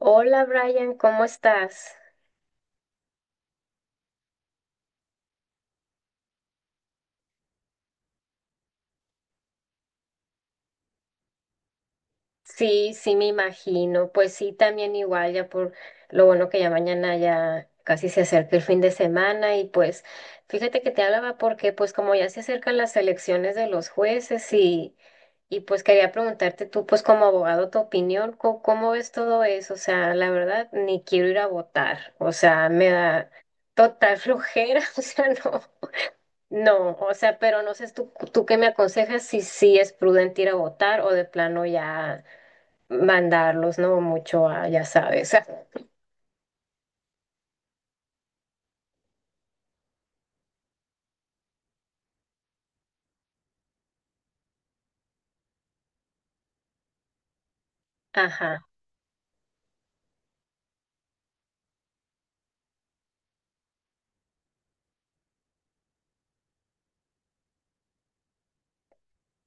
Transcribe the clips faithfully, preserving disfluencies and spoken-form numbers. Hola Brian, ¿cómo estás? Sí, sí, me imagino. Pues sí, también igual, ya por lo bueno que ya mañana ya casi se acerca el fin de semana y pues fíjate que te hablaba porque pues como ya se acercan las elecciones de los jueces y, y pues quería preguntarte tú pues como abogado tu opinión, co- ¿cómo, ves todo eso? O sea, la verdad, ni quiero ir a votar, o sea, me da total flojera, o sea, no. No, o sea, pero no sé tú, tú qué me aconsejas si sí es prudente ir a votar o de plano ya mandarlos, ¿no? Mucho a, ya sabes. a- Ajá.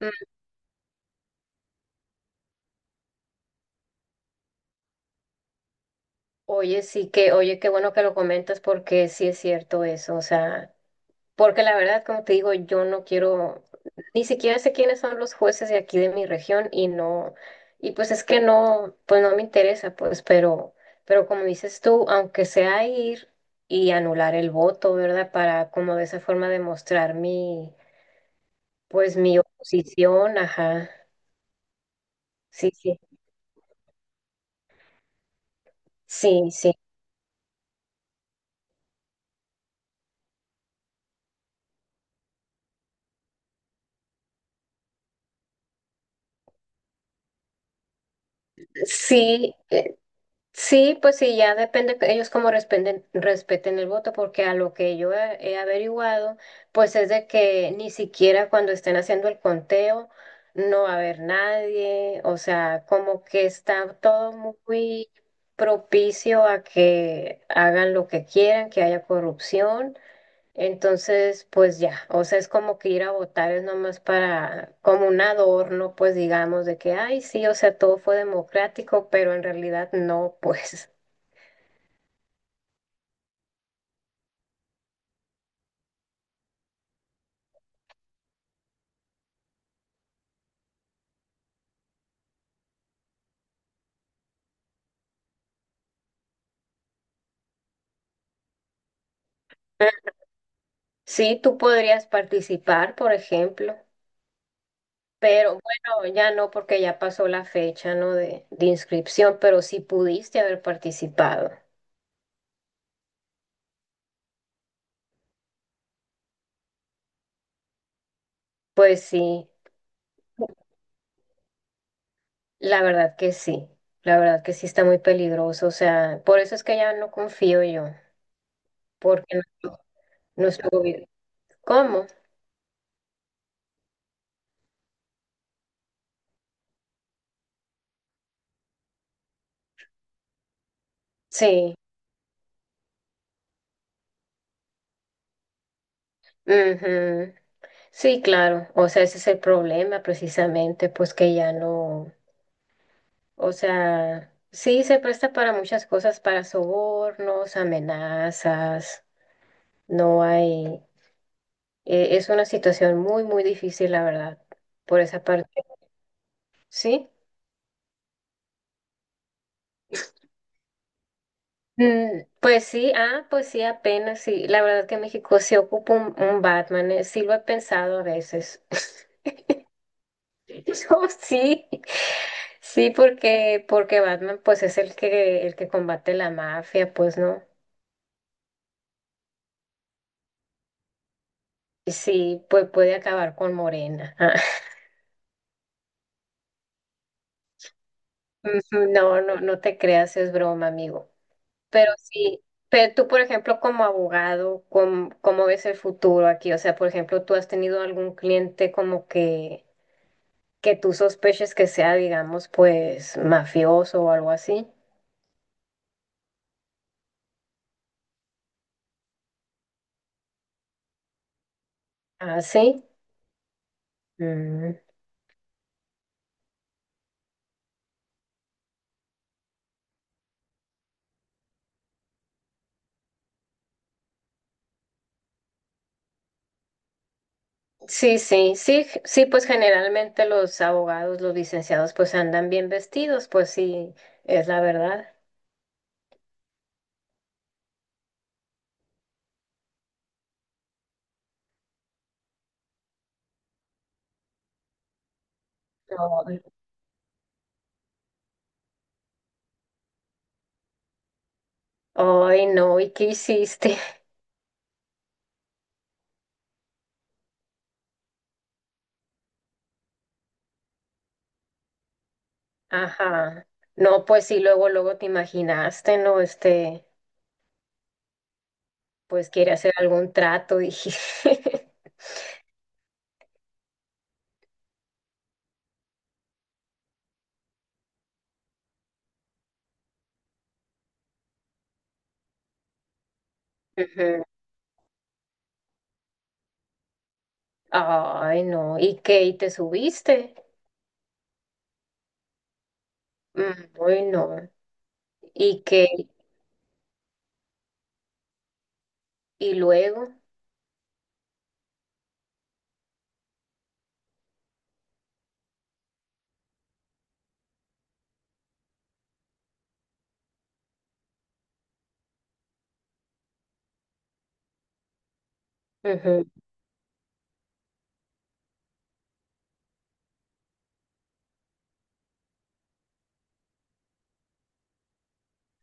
Mm. Oye, sí que, oye, qué bueno que lo comentas porque sí es cierto eso, o sea. Porque la verdad, como te digo, yo no quiero, ni siquiera sé quiénes son los jueces de aquí de mi región y no, y pues es que no, pues no me interesa, pues, pero, pero, como dices tú, aunque sea ir y anular el voto, ¿verdad? Para como de esa forma demostrar mi, pues mi oposición, ajá, sí, sí, sí, sí, sí. Sí, pues sí, ya depende que ellos cómo respeten, respeten el voto, porque a lo que yo he, he averiguado, pues es de que ni siquiera cuando estén haciendo el conteo no va a haber nadie, o sea, como que está todo muy propicio a que hagan lo que quieran, que haya corrupción. Entonces, pues ya, o sea, es como que ir a votar es nomás para, como un adorno, pues digamos, de que, ay, sí, o sea, todo fue democrático, pero en realidad no, pues. Sí, tú podrías participar, por ejemplo, pero bueno, ya no porque ya pasó la fecha, ¿no? de, de inscripción, pero sí pudiste haber participado. Pues sí, la verdad que sí, la verdad que sí está muy peligroso, o sea, por eso es que ya no confío yo, porque nuestro nuestro gobierno, ¿cómo? Sí, ujú. Sí, claro, o sea, ese es el problema precisamente, pues que ya no, o sea, sí se presta para muchas cosas, para sobornos, amenazas, no hay, e- es una situación muy, muy difícil, la verdad, por esa parte, ¿sí? Mm, pues sí, ah, pues sí, apenas, sí, la verdad que México se ocupa un, un Batman, eh, sí lo he pensado a veces. No, sí, sí, porque, porque, Batman pues es el que, el que combate la mafia, pues no. Y sí, pues puede acabar con Morena. Ah, ujú. No, no, no te creas, es broma, amigo. Pero sí, pero tú, por ejemplo, como abogado, ¿cómo, cómo ves el futuro aquí? O sea, por ejemplo, ¿tú has tenido algún cliente como que, que tú sospeches que sea, digamos, pues mafioso o algo así? Ah, sí. Mm. Sí, sí, sí, g- sí, pues generalmente los abogados, los licenciados, pues andan bien vestidos, pues sí, es la verdad. Ay, ay, no, ¿y qué hiciste? Ajá. No, pues sí, luego, luego te imaginaste, ¿no? Este, pues quiere hacer algún trato, dije. Ujú. Ay, no, ¿y qué? ¿Y te subiste? Mm. Ay, no, ¿y qué? ¿Y luego? Ujú.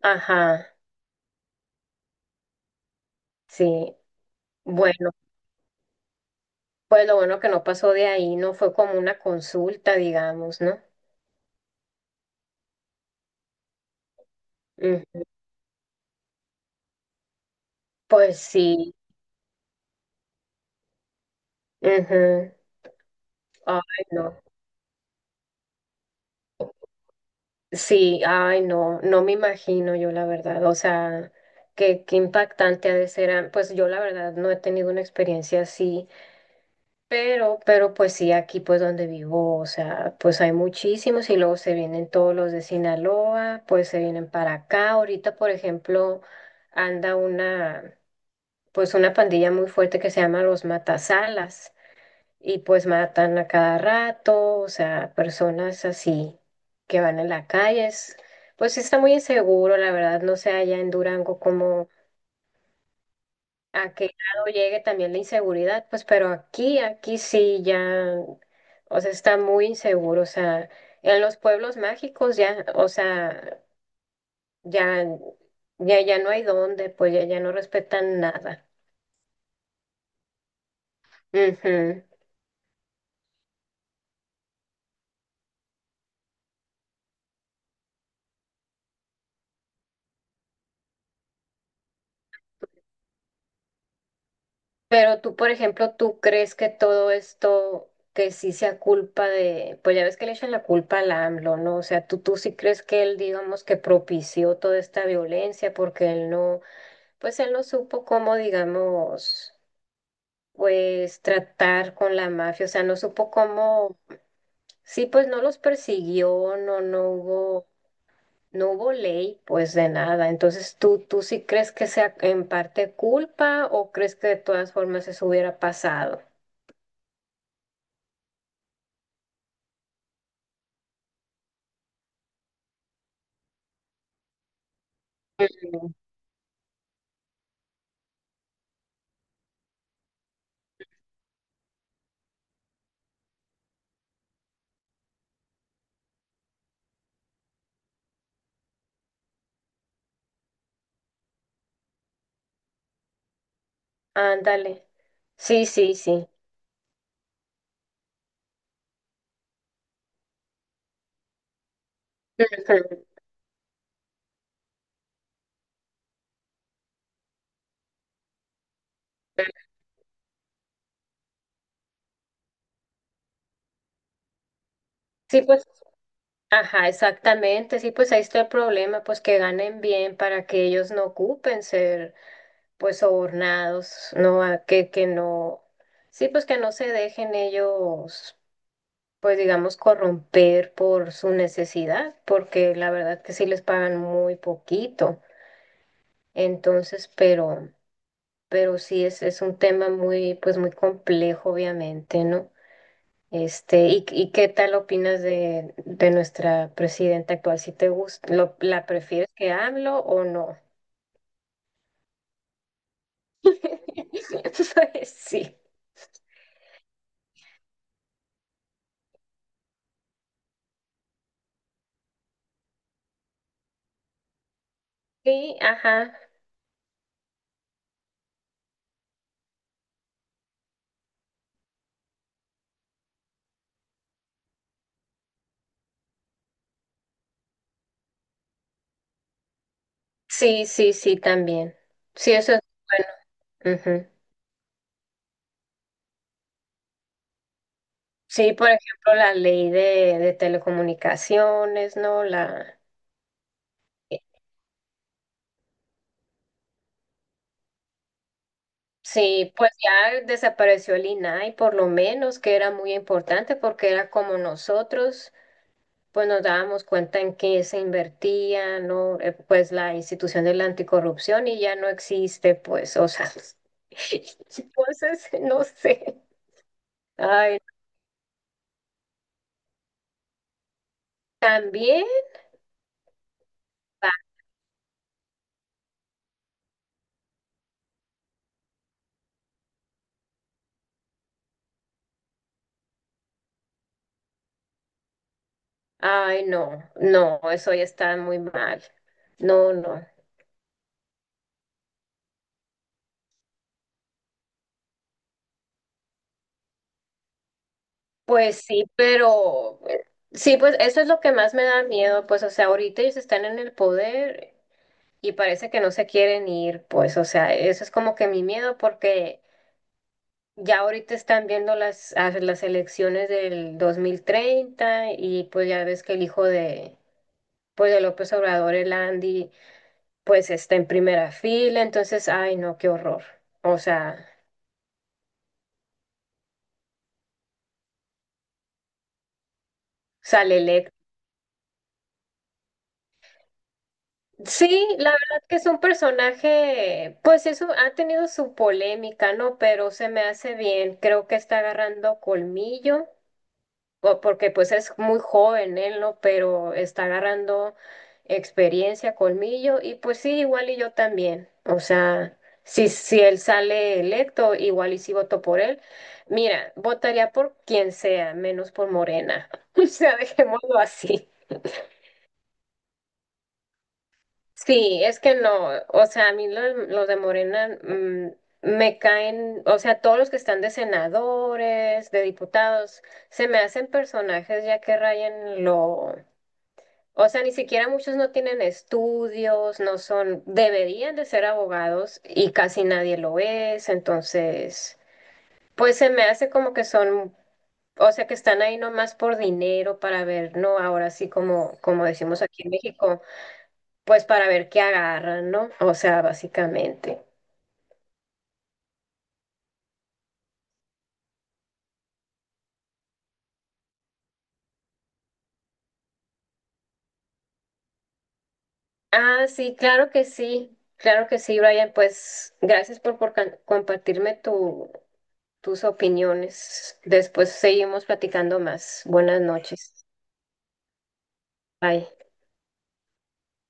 Ajá, sí, bueno. Pues lo bueno que no pasó de ahí, no fue como una consulta, digamos, ¿no? Ujú. Pues sí. Ujú. Ay, no. Sí, ay, no, no me imagino yo la verdad. O sea, qué, qué, impactante ha de ser. ah, Pues yo la verdad no he tenido una experiencia así, pero, pero pues sí, aquí pues donde vivo, o sea, pues hay muchísimos y luego se vienen todos los de Sinaloa, pues se vienen para acá. Ahorita, por ejemplo, anda una... pues una pandilla muy fuerte que se llama los Matasalas y pues matan a cada rato, o sea, personas así que van en la calle. Es- pues sí está muy inseguro, la verdad, no sé allá en Durango como a qué grado llegue también la inseguridad, pues pero aquí, aquí, sí ya, o sea, está muy inseguro, o sea, en los pueblos mágicos ya, o sea, ya, ya, ya no hay dónde, pues ya, ya no respetan nada. Ujú. Pero tú, por ejemplo, ¿tú crees que todo esto, que sí sea culpa de, pues ya ves que le echan la culpa al AMLO, ¿no? O sea, tú, tú, sí crees que él, digamos, que propició toda esta violencia porque él no, pues él no supo cómo, digamos, pues tratar con la mafia, o sea, no supo cómo, sí, pues no los persiguió, no, no hubo, no hubo ley, pues de nada. Entonces, ¿tú, tú sí crees que sea en parte culpa o crees que de todas formas eso hubiera pasado? Ujú. Ándale. Sí, sí, sí. Ujú. Sí, pues, ajá, exactamente. Sí, pues ahí está el problema, pues que ganen bien para que ellos no ocupen ser, pues, sobornados, no, A- que, que, no, sí, pues que no se dejen ellos, pues, digamos, corromper por su necesidad, porque la verdad que sí les pagan muy poquito. Entonces, pero, pero, sí es, es un tema muy, pues, muy complejo, obviamente, ¿no? Este, ¿y, y qué tal opinas de, de nuestra presidenta actual? ¿Si te gusta, lo- la prefieres que AMLO o no? Pues sí. Sí, ajá. Sí, sí, sí, también. Sí, eso es bueno. Ujú. Sí, por ejemplo, la ley de, de telecomunicaciones, ¿no? La... eh, Sí, pues ya desapareció el INAI, por lo menos, que era muy importante porque era como nosotros. Pues nos dábamos cuenta en qué se invertía, ¿no? Eh, pues la institución de la anticorrupción y ya no existe, pues, o sea, entonces, no sé. Ay, también, ay, no, no, eso ya está muy mal. No, no. Pues sí, pero eh, sí, pues eso es lo que más me da miedo, pues, o sea, ahorita ellos están en el poder y parece que no se quieren ir, pues, o sea, eso es como que mi miedo porque... Ya ahorita están viendo las, a- las elecciones del dos mil treinta y pues ya ves que el hijo de, pues de López Obrador, el Andy, pues está en primera fila, entonces, ay no, qué horror. O sea, sale electo. Sí, la verdad que es un personaje, pues eso ha tenido su polémica, ¿no? Pero se me hace bien, creo que está agarrando colmillo po- porque pues es muy joven él, ¿no? Pero está agarrando experiencia, colmillo, y pues sí, igual y yo también. O sea, si, si, él sale electo, igual y si voto por él. Mira, votaría por quien sea, menos por Morena. O sea, dejémoslo así. Sí, es que no, o sea, a mí los, los de Morena mm, me caen, o sea, todos los que están de senadores, de diputados, se me hacen personajes ya que rayan lo, o sea, ni siquiera muchos no tienen estudios, no son, deberían de ser abogados y casi nadie lo es, entonces, pues se me hace como que son, o sea, que están ahí nomás por dinero para ver, ¿no? Ahora sí, como, como decimos aquí en México, pues para ver qué agarran, ¿no? O sea, básicamente. Ah, sí, claro que sí, claro que sí, Brian, pues gracias por, por can- compartirme tu, tus opiniones. Después seguimos platicando más. Buenas noches. Bye